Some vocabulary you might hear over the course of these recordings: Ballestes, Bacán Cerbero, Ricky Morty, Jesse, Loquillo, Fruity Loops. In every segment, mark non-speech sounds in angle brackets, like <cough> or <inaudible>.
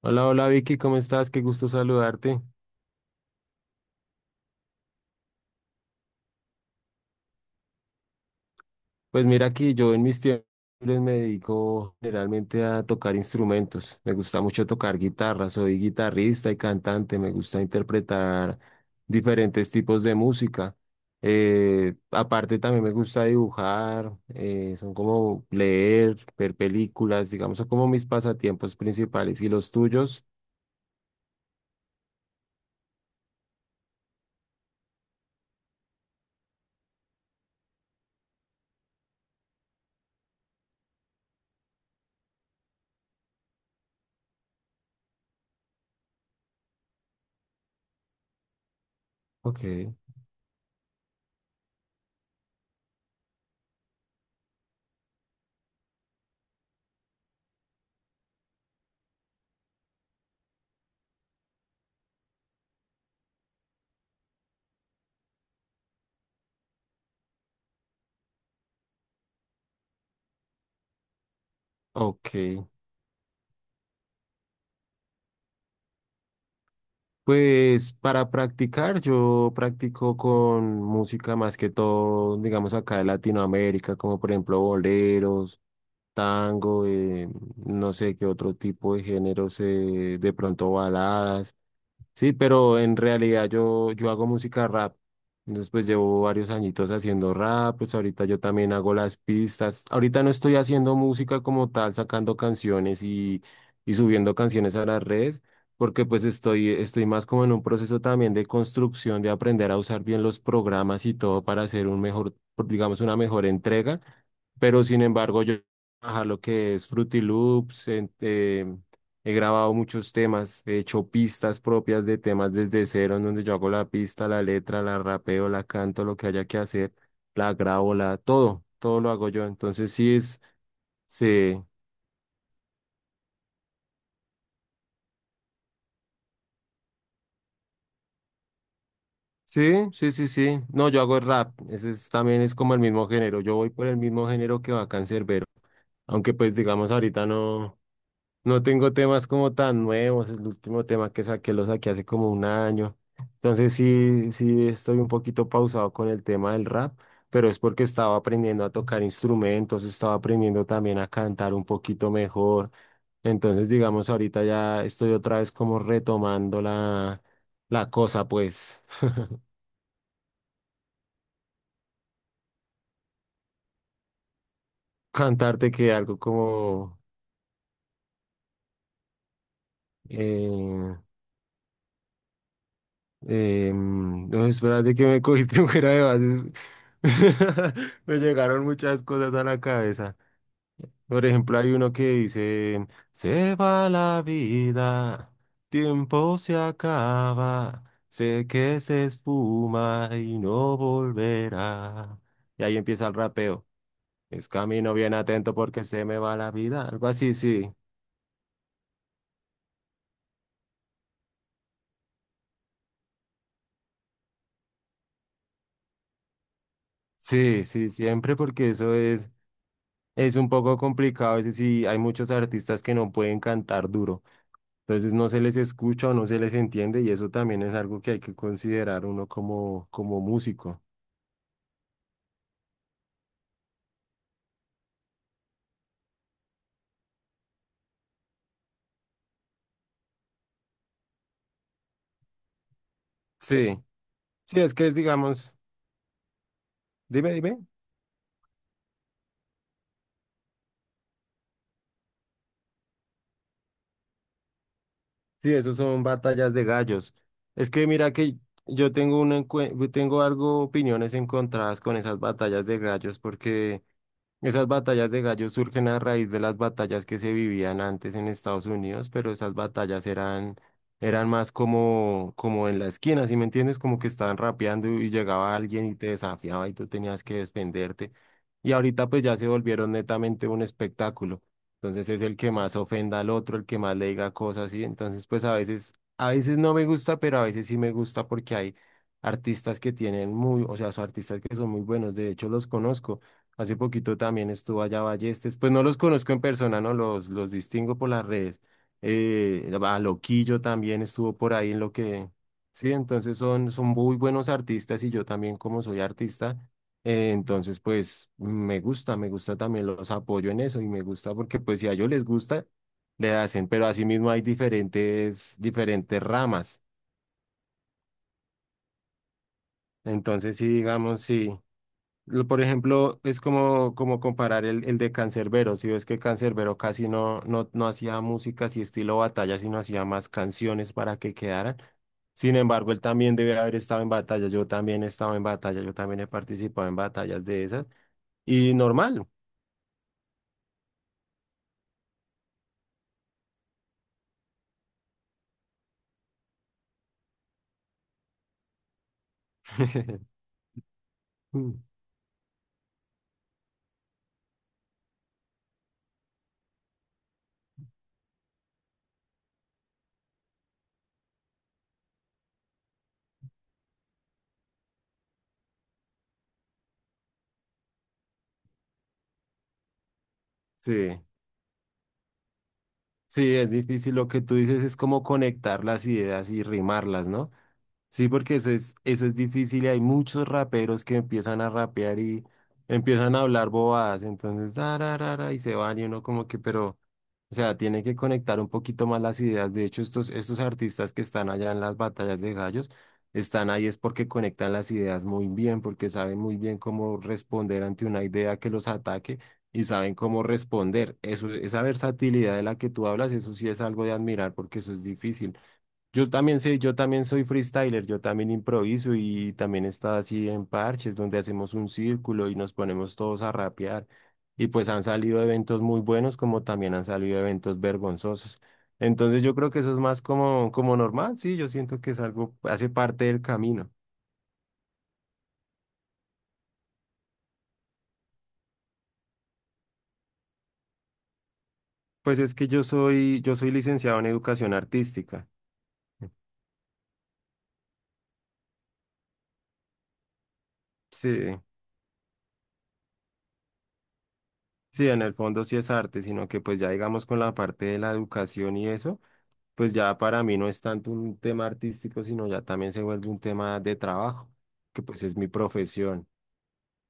Hola, Vicky, ¿cómo estás? Qué gusto saludarte. Pues mira que yo en mis tiempos libres me dedico generalmente a tocar instrumentos. Me gusta mucho tocar guitarra, soy guitarrista y cantante, me gusta interpretar diferentes tipos de música. Aparte también me gusta dibujar, son como leer, ver películas, digamos, son como mis pasatiempos principales. ¿Y los tuyos? Ok, ok. Pues para practicar, yo practico con música más que todo, digamos acá de Latinoamérica, como por ejemplo boleros, tango, no sé qué otro tipo de géneros, de pronto baladas. Sí, pero en realidad yo hago música rap. Entonces, pues llevo varios añitos haciendo rap, pues ahorita yo también hago las pistas. Ahorita no estoy haciendo música como tal, sacando canciones y subiendo canciones a las redes, porque pues estoy más como en un proceso también de construcción, de aprender a usar bien los programas y todo para hacer un mejor, digamos, una mejor entrega. Pero sin embargo, yo trabajar lo que es Fruity Loops, he grabado muchos temas, he hecho pistas propias de temas desde cero, en donde yo hago la pista, la letra, la rapeo, la canto, lo que haya que hacer, la grabo, la, todo, todo lo hago yo. Entonces sí es, sí, sí, sí, sí, sí. No, yo hago rap, ese es, también es como el mismo género, yo voy por el mismo género que Bacán Cerbero, aunque pues digamos ahorita no. No tengo temas como tan nuevos. El último tema que saqué lo saqué hace como un año. Entonces sí, sí estoy un poquito pausado con el tema del rap, pero es porque estaba aprendiendo a tocar instrumentos, estaba aprendiendo también a cantar un poquito mejor. Entonces, digamos, ahorita ya estoy otra vez como retomando la, la cosa, pues, <laughs> cantarte que algo como, eh, no, espérate que me cogiste <laughs> fuera de base. <laughs> Me llegaron muchas cosas a la cabeza. Por ejemplo, hay uno que dice, se va la vida, tiempo se acaba, sé que se espuma y no volverá. Y ahí empieza el rapeo. Es camino bien atento porque se me va la vida. Algo así, sí. Sí, sí, siempre porque eso es... Es un poco complicado, a veces sí hay muchos artistas que no pueden cantar duro, entonces no se les escucha o no se les entiende y eso también es algo que hay que considerar uno como, como músico. Sí, sí, es que es, digamos, dime, dime, sí, eso son batallas de gallos. Es que mira que yo tengo, tengo algo, opiniones encontradas con esas batallas de gallos porque... Esas batallas de gallos surgen a raíz de las batallas que se vivían antes en Estados Unidos, pero esas batallas eran, eran más como, como en la esquina, ¿sí me entiendes? Como que estaban rapeando y llegaba alguien y te desafiaba y tú tenías que defenderte. Y ahorita pues ya se volvieron netamente un espectáculo. Entonces es el que más ofenda al otro, el que más le diga cosas y entonces pues a veces no me gusta, pero a veces sí me gusta porque hay artistas que tienen muy, o sea, son artistas que son muy buenos, de hecho los conozco. Hace poquito también estuvo allá Ballestes. Pues no los conozco en persona, ¿no? Los distingo por las redes. A Loquillo también estuvo por ahí en lo que... Sí, entonces son, son muy buenos artistas y yo también como soy artista, entonces pues me gusta también, los apoyo en eso y me gusta porque pues si a ellos les gusta, le hacen, pero asimismo hay diferentes, diferentes ramas. Entonces sí, digamos, sí. Lo- Por ejemplo, es como, como comparar el de Cancerbero. Si ves que Cancerbero casi no, no, no hacía música así estilo batalla, sino hacía más canciones para que quedaran. Sin embargo, él también debe haber estado en batalla. Yo también he estado en batalla. Yo también he participado en batallas de esas. Y normal. <laughs> Mm. Sí, sí, es difícil. Lo que tú dices es como conectar las ideas y rimarlas, ¿no? Sí, porque eso es difícil y hay muchos raperos que empiezan a rapear y empiezan a hablar bobadas, entonces da, ra, ra, y se van y uno como que, pero, o sea, tiene que conectar un poquito más las ideas. De hecho, estos artistas que están allá en las batallas de gallos, están ahí es porque conectan las ideas muy bien, porque saben muy bien cómo responder ante una idea que los ataque y saben cómo responder. Eso, esa versatilidad de la que tú hablas, eso sí es algo de admirar porque eso es difícil. Yo también sé, yo también soy freestyler, yo también improviso y también está así en parches donde hacemos un círculo y nos ponemos todos a rapear. Y pues han salido eventos muy buenos como también han salido eventos vergonzosos. Entonces yo creo que eso es más como, como normal, sí, yo siento que es algo, hace parte del camino. Pues es que yo soy licenciado en educación artística. Sí, sí, en el fondo sí es arte, sino que pues ya digamos con la parte de la educación y eso. Pues ya para mí no es tanto un tema artístico, sino ya también se vuelve un tema de trabajo, que pues es mi profesión.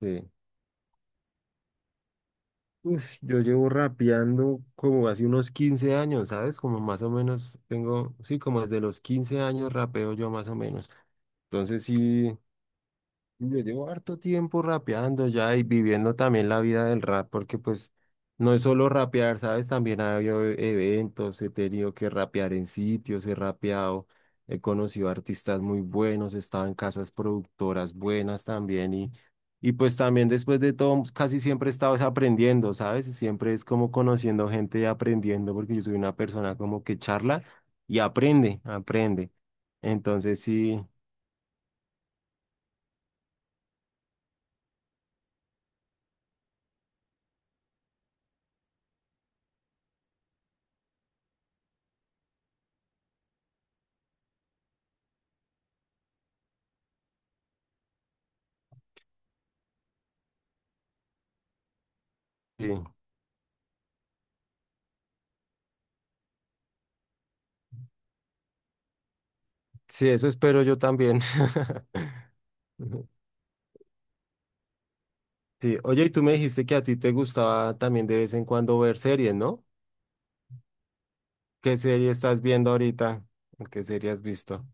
Sí. Uf, yo llevo rapeando como hace unos 15 años, ¿sabes? Como más o menos tengo, sí, como desde los 15 años rapeo yo más o menos. Entonces sí. Yo llevo harto tiempo rapeando ya y viviendo también la vida del rap, porque pues no es solo rapear, ¿sabes? También ha habido eventos, he tenido que rapear en sitios, he rapeado, he conocido artistas muy buenos, he estado en casas productoras buenas también y pues también después de todo casi siempre he estado es aprendiendo, ¿sabes? Siempre es como conociendo gente y aprendiendo, porque yo soy una persona como que charla y aprende, aprende. Entonces sí. Sí. Sí, eso espero yo también. <laughs> Ujú. Sí, oye, y tú me dijiste que a ti te gustaba también de vez en cuando ver series, ¿no? ¿Qué serie estás viendo ahorita? ¿O ¿Qué serie has visto?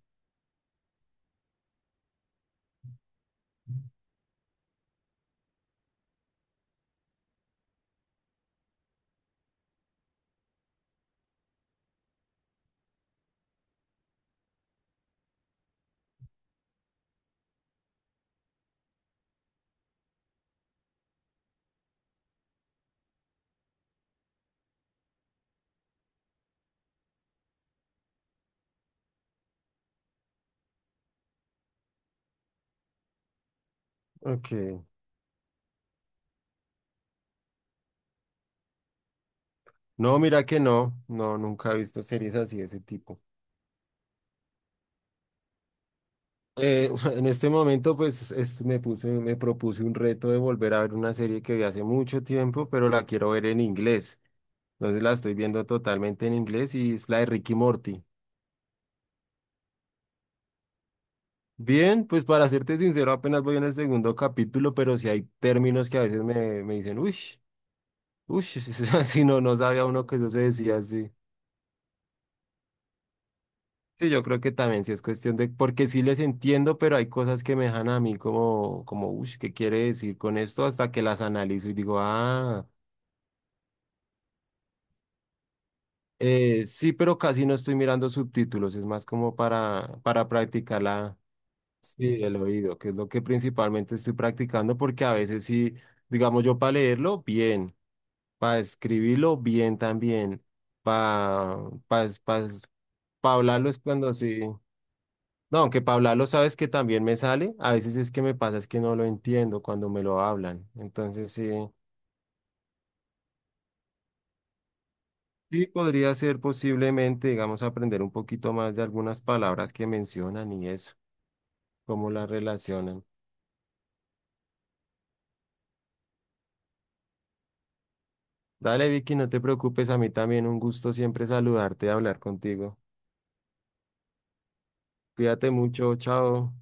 Ok. No, mira que no, no, nunca he visto series así de ese tipo. <laughs> En este momento, pues es- me puse, me propuse un reto de volver a ver una serie que vi hace mucho tiempo, pero la quiero ver en inglés. Entonces la estoy viendo totalmente en inglés y es la de Ricky Morty. Bien, pues para serte sincero, apenas voy en el segundo capítulo, pero sí hay términos que a veces me, me dicen, uy, uy, <laughs> si no, no sabía uno que eso se decía así. Sí, yo creo que también sí es cuestión de, porque sí les entiendo, pero hay cosas que me dejan a mí como, como, uy, ¿qué quiere decir con esto? Hasta que las analizo y digo, ah, sí, pero casi no estoy mirando subtítulos, es más como para practicar la, sí, el oído, que es lo que principalmente estoy practicando, porque a veces sí, digamos yo para leerlo, bien. Para escribirlo bien también, para pa, pa, es- pa pa hablarlo es cuando sí. No, aunque para hablarlo sabes que también me sale, a veces es que me pasa es que no lo entiendo cuando me lo hablan. Entonces sí, sí podría ser posiblemente, digamos, aprender un poquito más de algunas palabras que mencionan y eso, cómo las relacionan. Dale, Vicky, no te preocupes, a mí también un gusto siempre saludarte y hablar contigo. Cuídate mucho, chao.